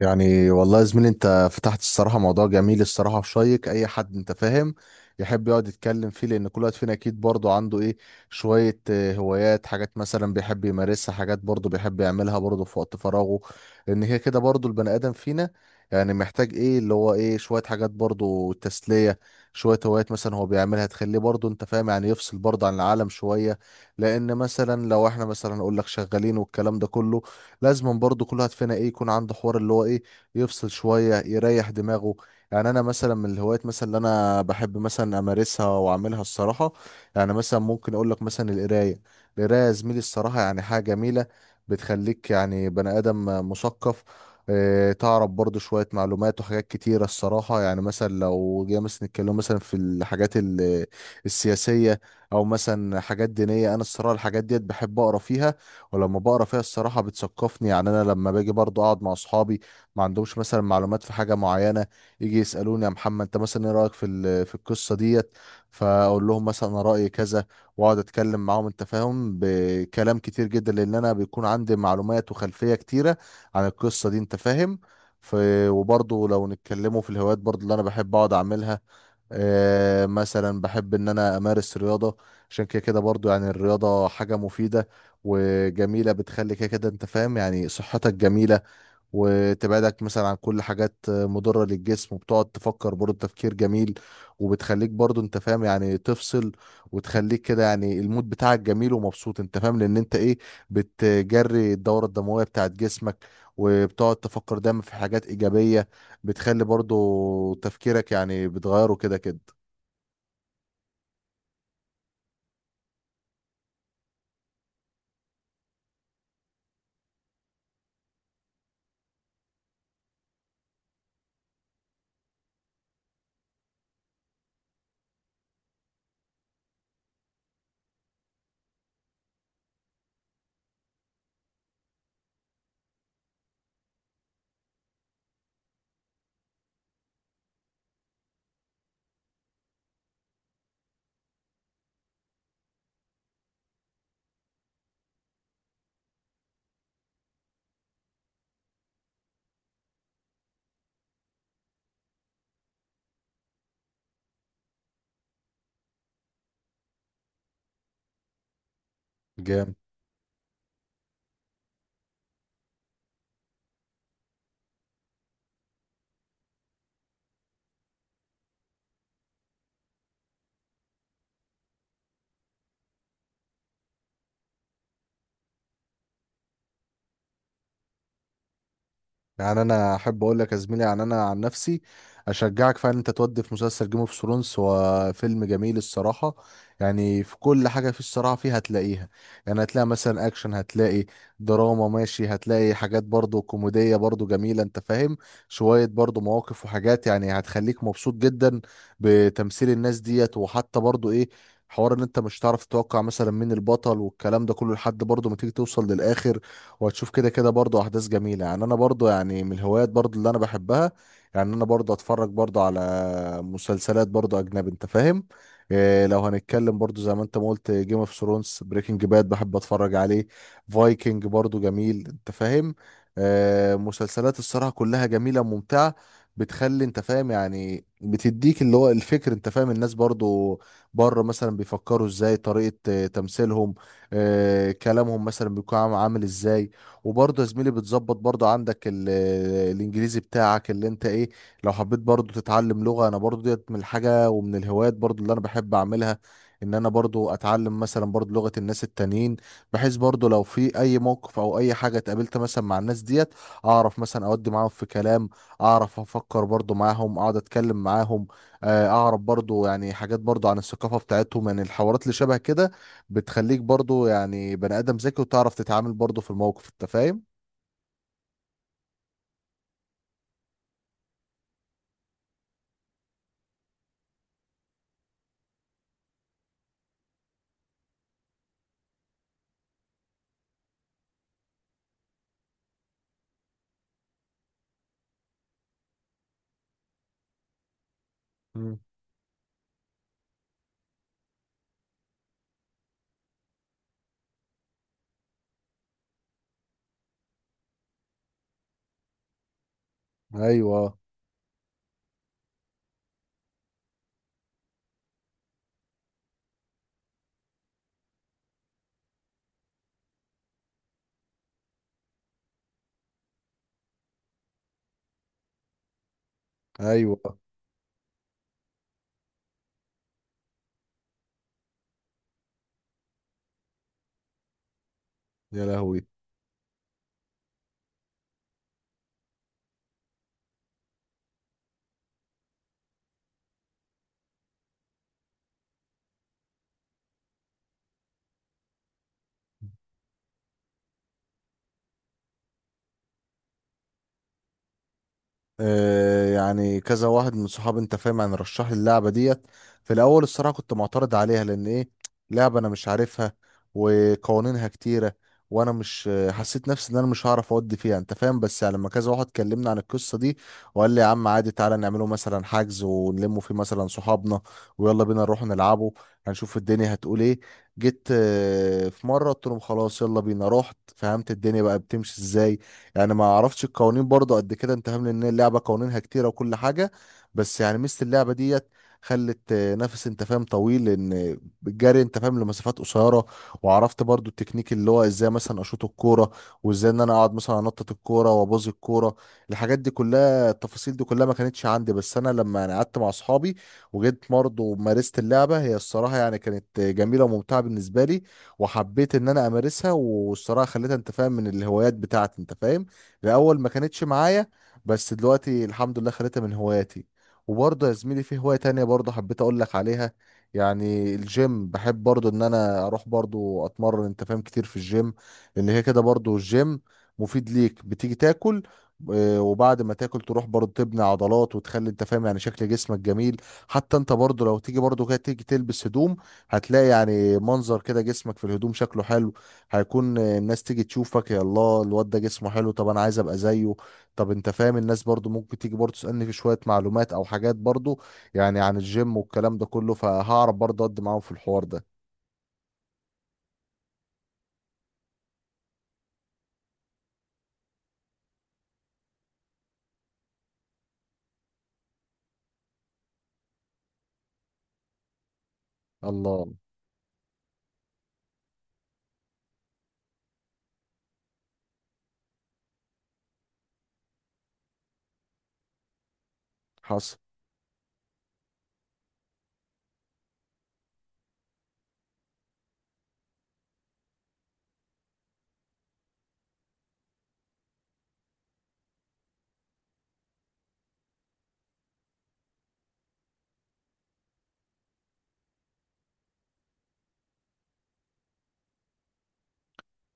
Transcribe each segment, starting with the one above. يعني والله يا زميلي انت فتحت الصراحة موضوع جميل الصراحة وشيق. اي حد انت فاهم يحب يقعد يتكلم فيه، لان كل واحد فينا اكيد برضه عنده ايه شوية هوايات، حاجات مثلا بيحب يمارسها، حاجات برضه بيحب يعملها برضه في وقت فراغه. لان هي كده برضه البني ادم فينا يعني محتاج ايه اللي هو ايه شوية حاجات برضه تسلية، شوية هوايات مثلا هو بيعملها تخليه برضه انت فاهم يعني يفصل برضه عن العالم شوية. لان مثلا لو احنا مثلا اقول لك شغالين والكلام ده كله، لازما برضو كل واحد فينا ايه يكون عنده حوار اللي هو ايه يفصل شوية يريح دماغه. يعني انا مثلا من الهوايات مثلا اللي انا بحب مثلا امارسها واعملها الصراحة، يعني مثلا ممكن اقول لك مثلا القراية. القراية يا زميلي الصراحة يعني حاجة جميلة، بتخليك يعني بني ادم مثقف. تعرف برضو شوية معلومات وحاجات كتيرة الصراحة. يعني مثلا لو جينا مثلا نتكلم مثلا في الحاجات السياسية، أو مثلا حاجات دينية، أنا الصراحة الحاجات ديت بحب أقرأ فيها. ولما بقرا فيها الصراحه بتثقفني، يعني انا لما باجي برضو اقعد مع اصحابي ما عندهمش مثلا معلومات في حاجه معينه، يجي يسالوني يا محمد انت مثلا ايه رايك في في القصه ديت، فاقول لهم مثلا انا رايي كذا، واقعد اتكلم معاهم انت فاهم بكلام كتير جدا، لان انا بيكون عندي معلومات وخلفيه كتيره عن القصه دي انت فاهم. ف... وبرضه لو نتكلموا في الهوايات برضه اللي انا بحب اقعد اعملها، مثلا بحب ان انا امارس رياضة. عشان كده كده برضو يعني الرياضة حاجة مفيدة وجميلة، بتخلي كده كده انت فاهم يعني صحتك جميلة، وتبعدك مثلا عن كل حاجات مضرة للجسم، وبتقعد تفكر برضو تفكير جميل، وبتخليك برضو انت فاهم يعني تفصل، وتخليك كده يعني المود بتاعك جميل ومبسوط، انت فاهم لان انت ايه بتجري الدورة الدموية بتاعت جسمك، وبتقعد تفكر دايما في حاجات إيجابية، بتخلي برضو تفكيرك يعني بتغيره كده كده. جامد. يعني انا احب اقول لك يا زميلي يعني انا عن نفسي اشجعك فعلا انت تودي في مسلسل جيم اوف ثرونز، هو فيلم جميل الصراحه. يعني في كل حاجه في الصراحه فيه هتلاقيها، يعني هتلاقي مثلا اكشن، هتلاقي دراما، ماشي، هتلاقي حاجات برضو كوميديه برضو جميله انت فاهم، شويه برضو مواقف وحاجات يعني هتخليك مبسوط جدا بتمثيل الناس ديت، وحتى برضو ايه حوار ان انت مش هتعرف تتوقع مثلا مين البطل والكلام ده كله لحد برضو ما تيجي توصل للاخر، وهتشوف كده كده برضو احداث جميله. يعني انا برضو يعني من الهوايات برضو اللي انا بحبها، يعني انا برضو اتفرج برضو على مسلسلات برضو اجنبي انت فاهم. إيه لو هنتكلم برضو زي ما انت ما قلت، جيم اوف ثرونز، بريكنج باد بحب اتفرج عليه، فايكنج برضو جميل انت فاهم. آه، مسلسلات الصراحه كلها جميله ممتعه، بتخلي انت فاهم يعني بتديك اللي هو الفكر انت فاهم. الناس برضو بره مثلا بيفكروا ازاي، طريقة تمثيلهم، كلامهم مثلا بيكون عامل ازاي. وبرضه يا زميلي بتظبط برضه عندك الانجليزي بتاعك اللي انت ايه. لو حبيت برضه تتعلم لغة، انا برضه ديت من الحاجة ومن الهوايات برضه اللي انا بحب اعملها، ان انا برضه اتعلم مثلا برضه لغة الناس التانيين، بحيث برضه لو في اي موقف او اي حاجة اتقابلت مثلا مع الناس ديت اعرف مثلا اودي معاهم في كلام، اعرف افكر برضه معاهم اقعد اتكلم معاهم، اعرف برضه يعني حاجات برضه عن الثقافة بتاعتهم، يعني الحوارات اللي شبه كده بتخليك برضو يعني بني ادم ذكي وتعرف تتعامل برضو في الموقف انت فاهم. مم. ايوه. ايوه. يا لهوي. يعني كذا واحد من صحابي انت فاهم يعني رشح لي اللعبه ديت. في الاول الصراحه كنت معترض عليها لان ايه، لعبه انا مش عارفها وقوانينها كتيره، وانا مش حسيت نفسي ان انا مش هعرف اودي فيها انت فاهم. بس يعني لما كذا واحد كلمنا عن القصه دي وقال لي يا عم عادي تعالى نعمله مثلا حجز ونلمه فيه مثلا صحابنا ويلا بينا نروح نلعبه، هنشوف الدنيا هتقول ايه. جيت في مره قلت لهم خلاص يلا بينا، رحت فهمت الدنيا بقى بتمشي ازاي. يعني ما اعرفش القوانين برضه قد كده انت فاهم لان اللعبه قوانينها كتيره وكل حاجه، بس يعني ميزه اللعبه ديت خلت نفس انت فاهم طويل، لان بالجري انت فاهم لمسافات قصيره. وعرفت برضو التكنيك اللي هو ازاي مثلا اشوط الكوره، وازاي ان انا اقعد مثلا انطط الكوره وابوظ الكوره. الحاجات دي كلها التفاصيل دي كلها ما كانتش عندي، بس انا لما يعني قعدت مع اصحابي وجيت برضه ومارست اللعبه، هي الصراحه يعني كانت جميله وممتعه بالنسبه لي، وحبيت ان انا امارسها، والصراحه خليتها انت فاهم من الهوايات بتاعتي انت فاهم. الاول ما كانتش معايا، بس دلوقتي الحمد لله خليتها من هواياتي. وبرضه يا زميلي في هواية تانية برضه حبيت اقول لك عليها، يعني الجيم بحب برضه ان انا اروح برضه اتمرن انت فاهم كتير في الجيم. لان هي كده برضه الجيم مفيد ليك، بتيجي تاكل، وبعد ما تاكل تروح برضه تبني عضلات، وتخلي انت فاهم يعني شكل جسمك جميل. حتى انت برضه لو تيجي برضه كده تيجي تلبس هدوم، هتلاقي يعني منظر كده جسمك في الهدوم شكله حلو، هيكون الناس تيجي تشوفك يا الله الواد ده جسمه حلو طب انا عايز ابقى زيه. طب انت فاهم الناس برضو ممكن تيجي برضو تسألني في شوية معلومات او حاجات برضو يعني عن الجيم والكلام ده كله، فهعرف برضو اقدم معاهم في الحوار ده. الله. حصل.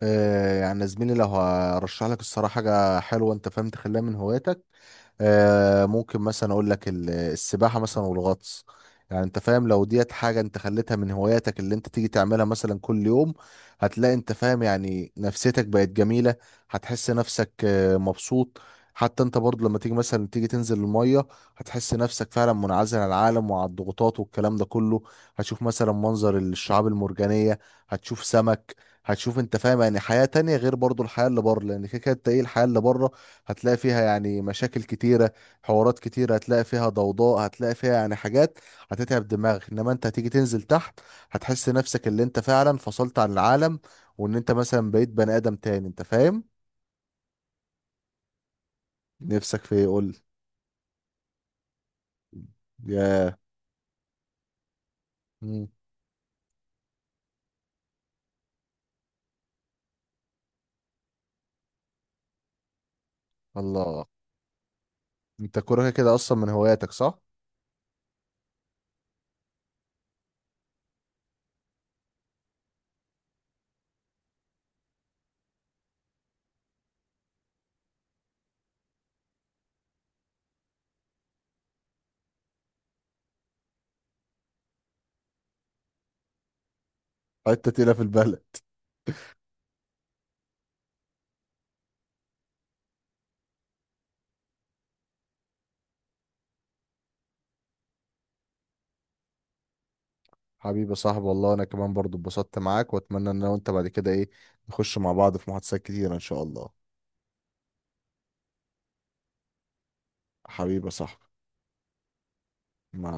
آه يعني يا زميلي لو هرشح لك الصراحة حاجة حلوة انت فاهم تخليها من هواياتك، ممكن مثلا اقول لك السباحه مثلا والغطس. يعني انت فاهم لو ديت حاجه انت خليتها من هواياتك اللي انت تيجي تعملها مثلا كل يوم، هتلاقي انت فاهم يعني نفسيتك بقت جميله، هتحس نفسك مبسوط. حتى انت برضه لما تيجي مثلا تيجي تنزل الميه، هتحس نفسك فعلا منعزل عن العالم وعن الضغوطات والكلام ده كله. هتشوف مثلا منظر الشعاب المرجانيه، هتشوف سمك، هتشوف انت فاهم يعني حياه تانية غير برضه الحياه اللي بره. لان كده كده انت ايه الحياه اللي بره هتلاقي فيها يعني مشاكل كتيرة، حوارات كتيرة، هتلاقي فيها ضوضاء، هتلاقي فيها يعني حاجات هتتعب دماغك. انما انت هتيجي تنزل تحت هتحس نفسك اللي انت فعلا فصلت عن العالم، وان انت مثلا بقيت بني ادم تاني انت فاهم. نفسك في ايه قول لي. يا. مم. الله. انت كوره كده اصلا من هواياتك صح؟ حتة تقيلة في البلد. حبيبي يا صاحبي، والله انا كمان برضو اتبسطت معاك، واتمنى ان انا وانت بعد كده ايه نخش مع بعض في محادثات كتيرة ان شاء الله. حبيبي يا صاحبي. مع